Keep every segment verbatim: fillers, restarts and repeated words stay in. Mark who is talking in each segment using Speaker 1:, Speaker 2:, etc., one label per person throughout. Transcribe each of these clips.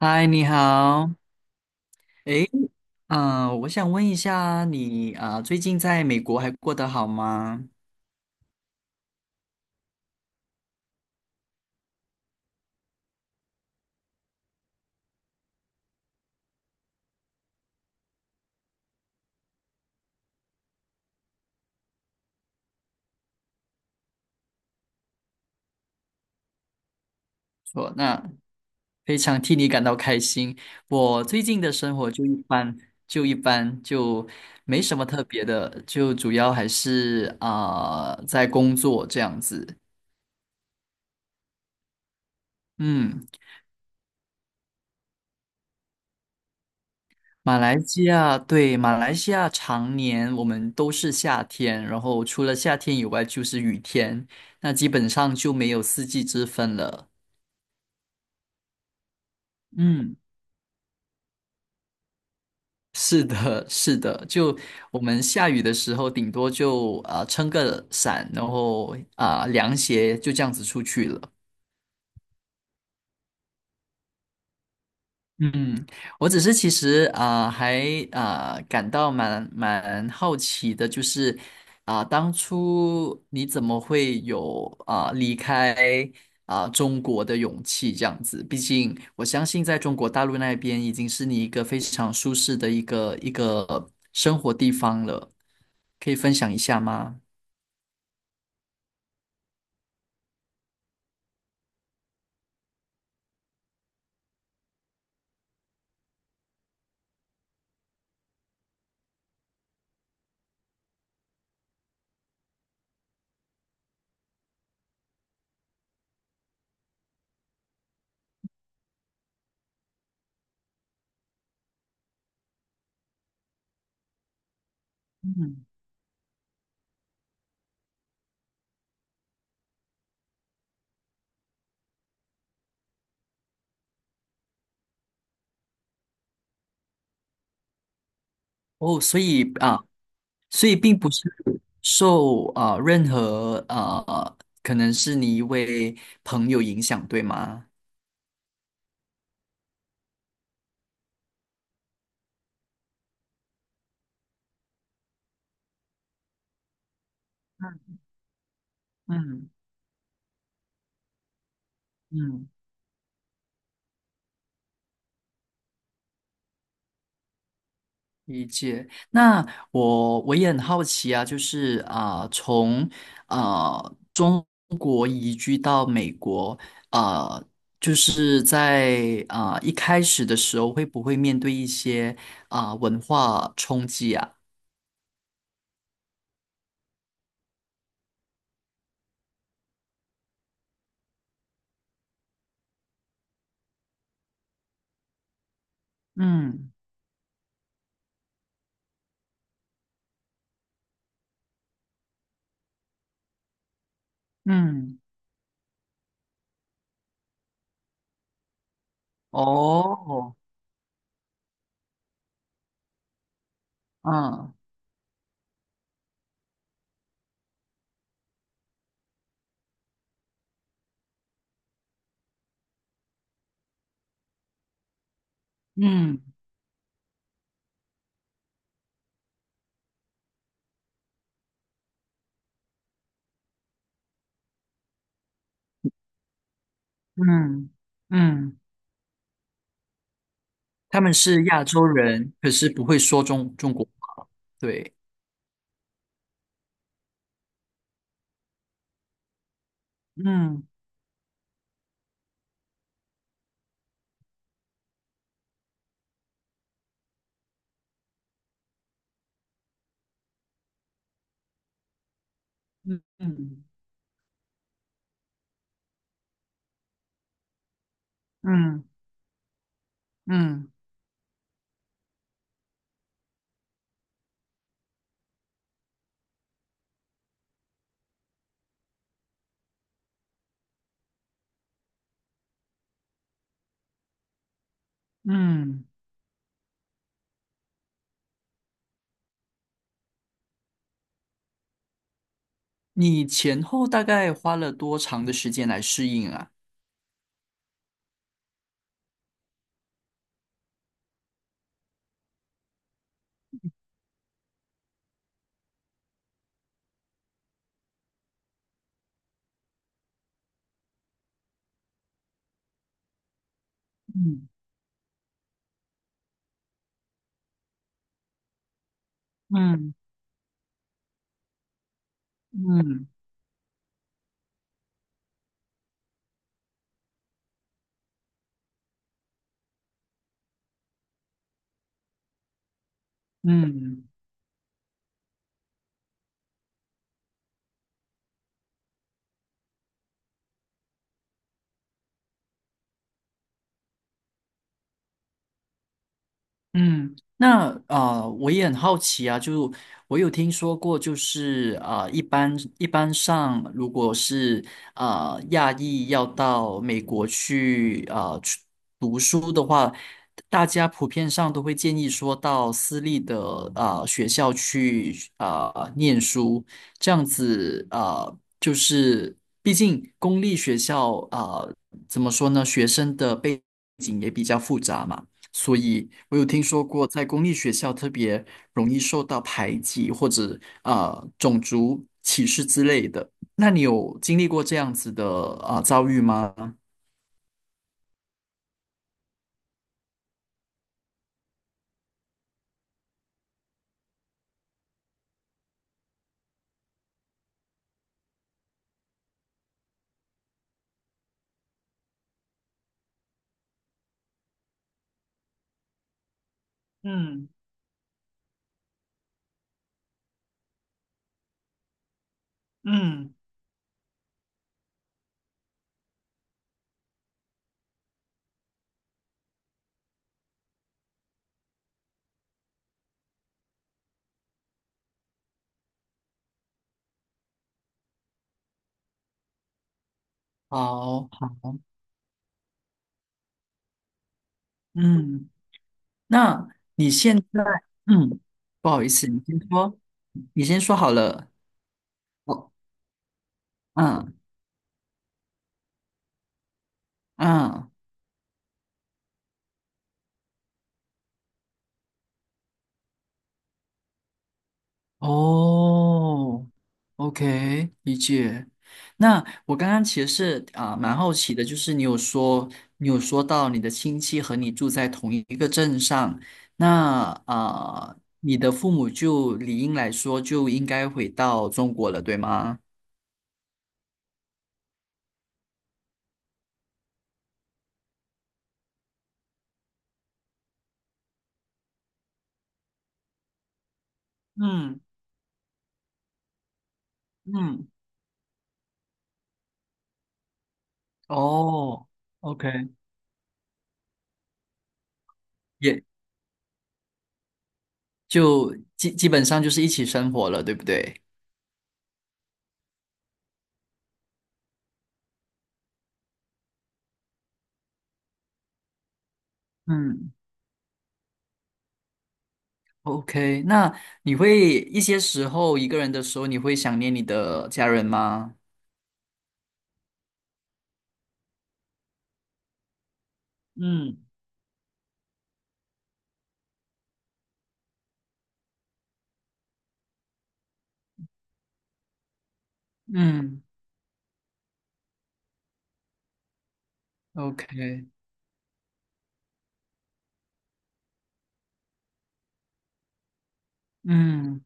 Speaker 1: 嗨，你好。诶，嗯、我想问一下你啊、最近在美国还过得好吗？说，那非常替你感到开心。我最近的生活就一般，就一般，就没什么特别的，就主要还是啊、在工作这样子。嗯，马来西亚，对，马来西亚常年我们都是夏天，然后除了夏天以外就是雨天，那基本上就没有四季之分了。嗯，是的，是的，就我们下雨的时候，顶多就啊、呃撑个伞，然后啊、凉鞋就这样子出去了。嗯，我只是其实啊、呃还啊、呃感到蛮蛮好奇的，就是啊、当初你怎么会有啊、离开啊、中国的勇气这样子？毕竟我相信在中国大陆那边已经是你一个非常舒适的一个一个生活地方了，可以分享一下吗？嗯，哦，所以啊。所以并不是受啊任何啊可能是你一位朋友影响，对吗？嗯嗯，理解。那我我也很好奇啊，就是啊、从啊、中国移居到美国，啊、就是在啊、一开始的时候，会不会面对一些啊、文化冲击啊？嗯嗯，哦，嗯嗯。嗯嗯，他们是亚洲人，可是不会说中中国话。对，嗯嗯嗯嗯嗯嗯，你前后大概花了多长的时间来适应啊？嗯嗯嗯嗯嗯，那呃，我也很好奇啊，就我有听说过，就是呃，一般一般上，如果是呃亚裔要到美国去呃去读书的话，大家普遍上都会建议说到私立的呃学校去呃念书，这样子呃就是毕竟公立学校呃怎么说呢，学生的背景也比较复杂嘛。所以我有听说过，在公立学校特别容易受到排挤或者啊种族歧视之类的。那你有经历过这样子的啊呃遭遇吗？嗯嗯好，嗯，那你现在，嗯，不好意思，你先说，你先说好了。我，嗯嗯。哦，OK，理解。那我刚刚其实是啊、蛮好奇的，就是你有说你有说到你的亲戚和你住在同一个镇上，那啊、你的父母就理应来说就应该回到中国了，对吗？嗯嗯，哦，OK，也就基基本上就是一起生活了，对不对？嗯。OK，那你会一些时候一个人的时候，你会想念你的家人吗？嗯。嗯，OK，嗯。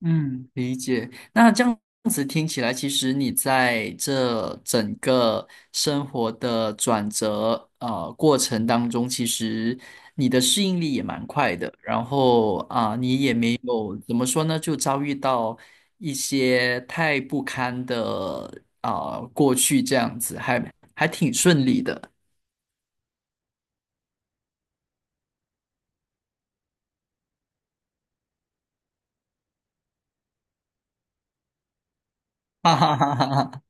Speaker 1: 嗯，理解。那这样子听起来，其实你在这整个生活的转折呃过程当中，其实你的适应力也蛮快的。然后啊、你也没有怎么说呢，就遭遇到一些太不堪的啊、过去这样子，还还挺顺利的。哈哈哈哈哈。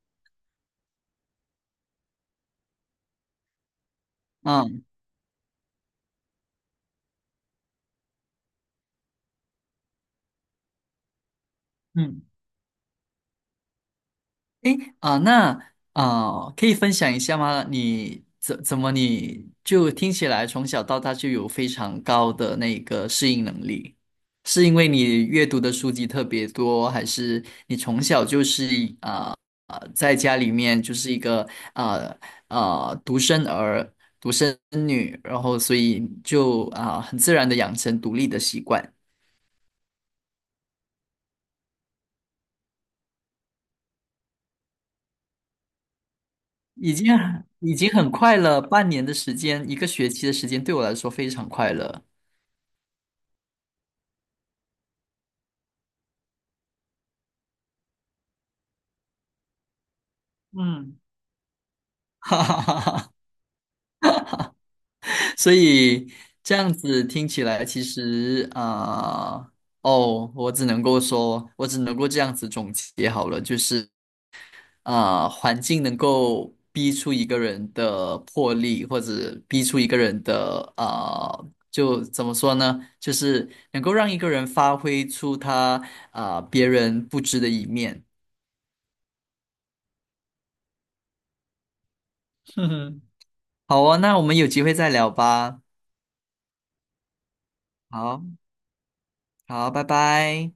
Speaker 1: 嗯嗯。诶，啊，那啊，可以分享一下吗？你怎怎么你就听起来从小到大就有非常高的那个适应能力？是因为你阅读的书籍特别多，还是你从小就是啊啊、在家里面就是一个啊啊、独生儿、独生女，然后所以就啊、很自然的养成独立的习惯。已经已经很快了，半年的时间，一个学期的时间对我来说非常快乐。嗯，哈哈哈哈，所以这样子听起来，其实啊、呃哦，我只能够说，我只能够这样子总结好了，就是啊、呃环境能够逼出一个人的魄力，或者逼出一个人的啊、呃就怎么说呢？就是能够让一个人发挥出他啊、呃别人不知的一面。哼哼，好哦，那我们有机会再聊吧。好，好，拜拜。